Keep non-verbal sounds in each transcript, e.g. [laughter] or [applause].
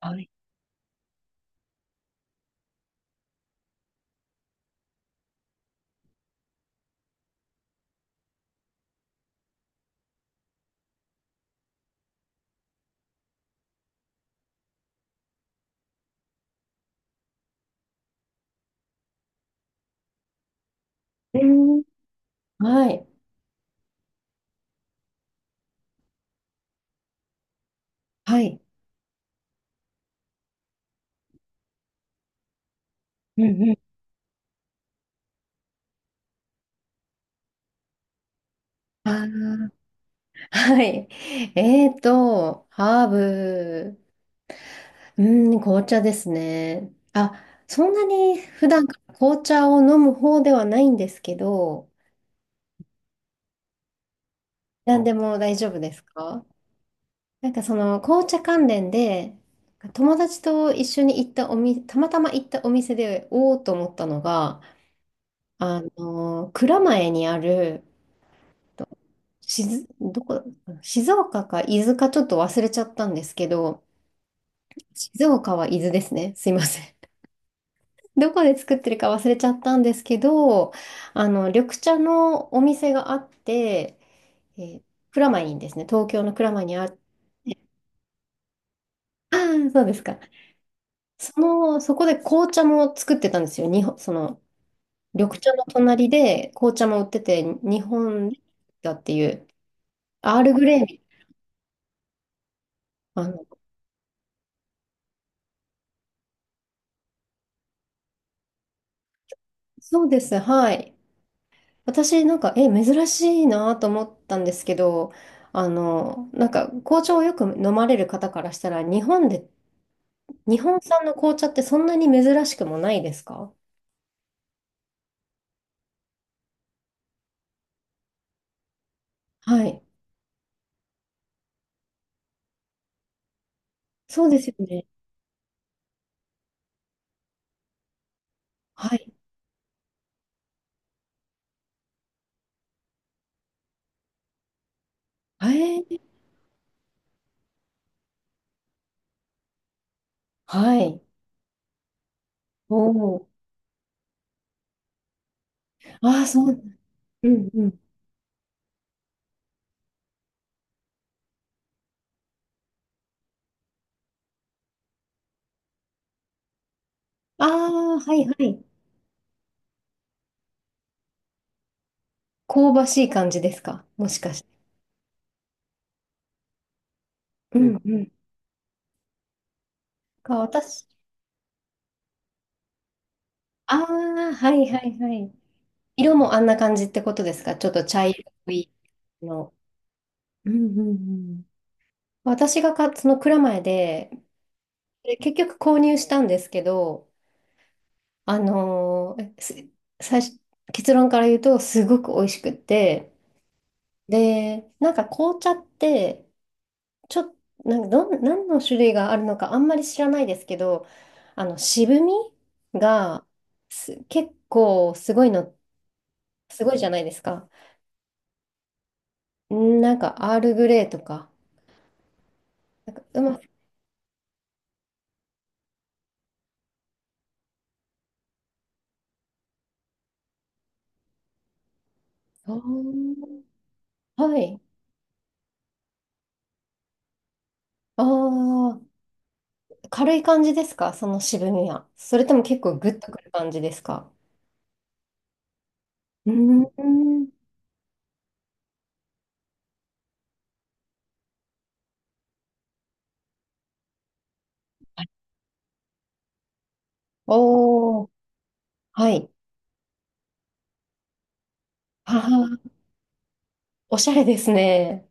はい。えー、はい。はい。うんうん。ああ、はい。ハーブ。うん、紅茶ですね。あ、そんなに普段から紅茶を飲む方ではないんですけど、何でも大丈夫ですか？なんかその紅茶関連で、友達と一緒に行ったお店、たまたま行ったお店で、おおと思ったのが、蔵前にある、と静どこ、静岡か伊豆かちょっと忘れちゃったんですけど、静岡は伊豆ですね。すいません。[laughs] どこで作ってるか忘れちゃったんですけど、緑茶のお店があって、えー蔵前にですね、東京の蔵前にそうですか。そこで紅茶も作ってたんですよ。日本、その、緑茶の隣で紅茶も売ってて、日本だっていう、アールグレイみたいな、そうです、はい。私なんか、珍しいなと思ったんですけど、なんか紅茶をよく飲まれる方からしたら、日本で、日本産の紅茶ってそんなに珍しくもないですか？はい。そうですよね。はい。えー、はい。おお。ああ、そう。うんうん。ああ、はいはい。香ばしい感じですか？もしかして。うんうん。か、私、ああ、はいはいはい。色もあんな感じってことですか？ちょっと茶色いの。うんうんうん。私がか、その蔵前で結局購入したんですけど、あのーす最初、結論から言うと、すごく美味しくって、で、なんか紅茶って、ちょっと、なんかどん、何の種類があるのかあんまり知らないですけど、渋みが結構すごいの、すごいじゃないですか。なんか、アールグレイとか、なんかうま、そう、はい。ああ。軽い感じですか？その渋みは。それとも結構グッとくる感じですか？うーん。おー、はい。はは、おしゃれですね。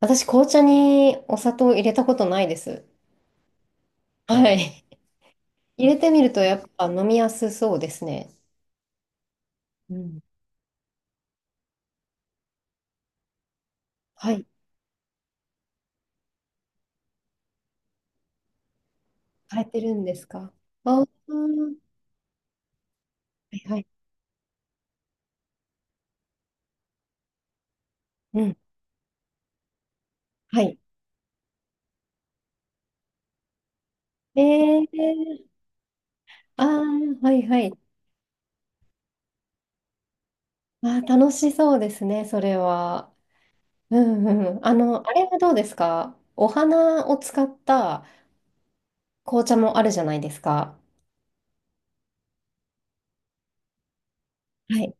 私、紅茶にお砂糖入れたことないです。はい。[laughs] 入れてみると、やっぱ飲みやすそうですね。うん。はい。変えてるんですか？ああー、はいはい。うん。はい。えー、ああはいはい。ああ楽しそうですね、それは。うんうん。あれはどうですか？お花を使った紅茶もあるじゃないですか。はい。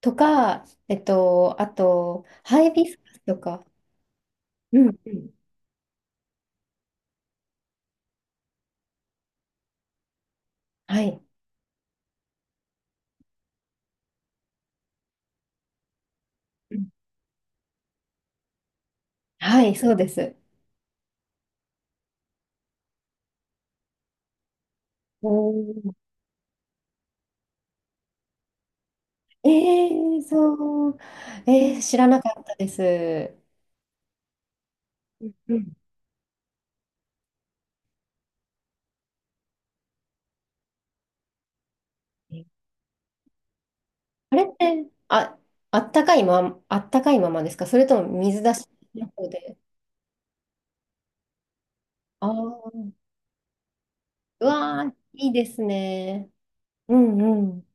とか、あと、ハイビスカスとか。うんうん。はい。うんはい、そうです。おーえー、そう。えー、知らなかったです。うんうん、あれって、あ、あったかいままですか？それとも水出しの方で。ああ、うわー、いいですね。うんうん。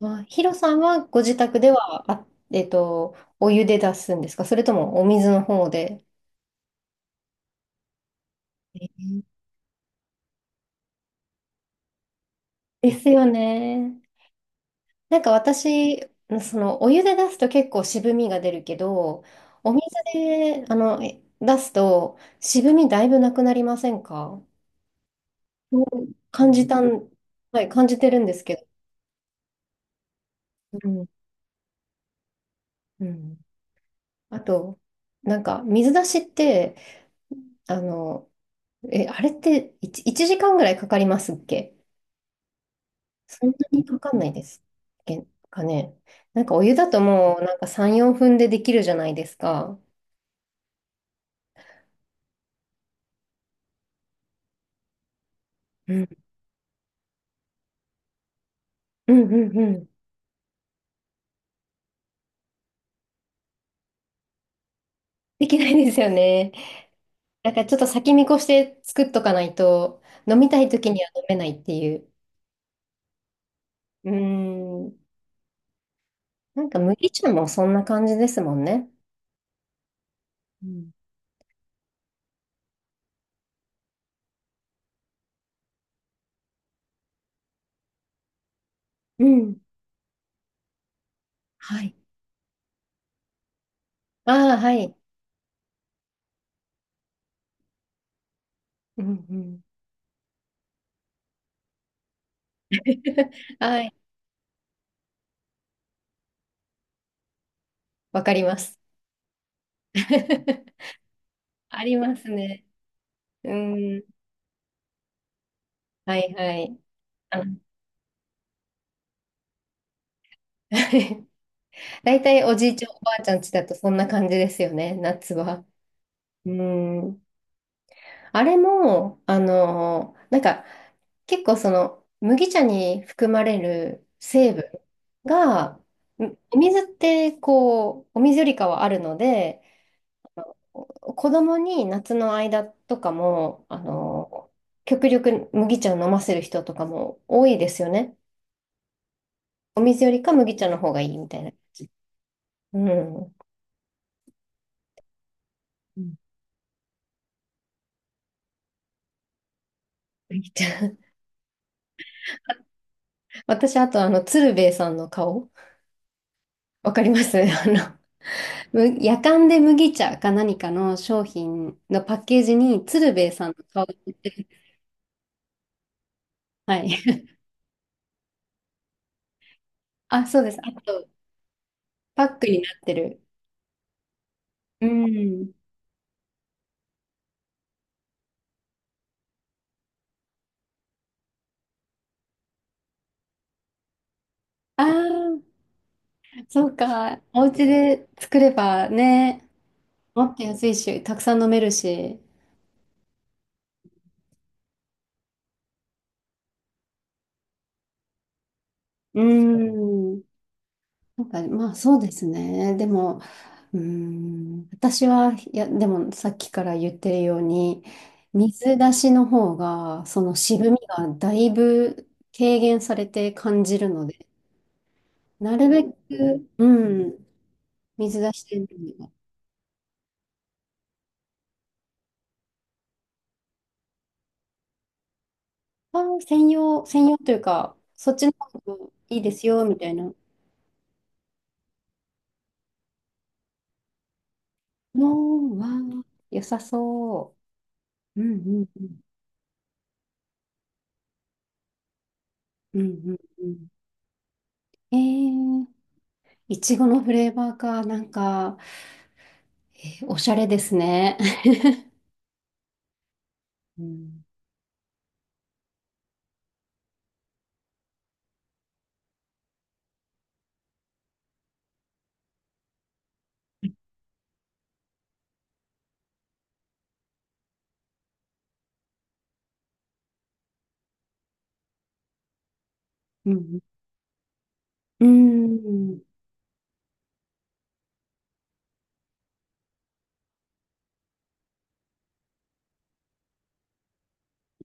まあ、ヒロさんはご自宅では、あ、お湯で出すんですか？それともお水の方で。えーですよね。なんか私、そのお湯で出すと結構渋みが出るけど、お水で、出すと渋みだいぶなくなりませんか？そう感じたん、はい、感じてるんですけど。うんうん、あと、なんか水出しって、あの、あれって1、一時間ぐらいかかりますっけ？そんなにかかんないですけんかね。なんかお湯だともうなんか3、4分でできるじゃないですか。うん。うんうんうん。できないですよね。なんからちょっと先見越して作っとかないと、飲みたい時には飲めないっていう。うーん。なんか麦茶もそんな感じですもんね。うん。うんはい。ああ、はい。うんうん。[laughs] はい。わかります。[laughs] ありますね。うん。はいはい。あの [laughs] 大体おじいちゃんおばあちゃんちだとそんな感じですよね、夏は。うん。あれも、なんか結構その麦茶に含まれる成分が、んお水ってこう、お水よりかはあるので、お子供に夏の間とかも、極力麦茶を飲ませる人とかも多いですよね。お水よりか麦茶の方がいいみたいな感じ。うん。うん、麦茶。私、あと、鶴瓶さんの顔、わかります。 [laughs] やかんで麦茶か何かの商品のパッケージに鶴瓶さんの顔が入ってる。はい。[laughs] あ、そうです。あと、パックになってる。うん。ああ、そうか。お家で作ればね、もっと安いし、たくさん飲めるし。うん。なんか、まあ、そうですね。でも、うーん、私は、いや、でもさっきから言ってるように、水出しの方が、その渋みがだいぶ軽減されて感じるので、なるべく、うん、水出してるのが、あー、専用というか、そっちの方がいいですよ、みたいなのは、良さそう。うんうんうん。うんうんうん。えー、いちごのフレーバーか、なんか、えーおしゃれですね。うんうんうーん、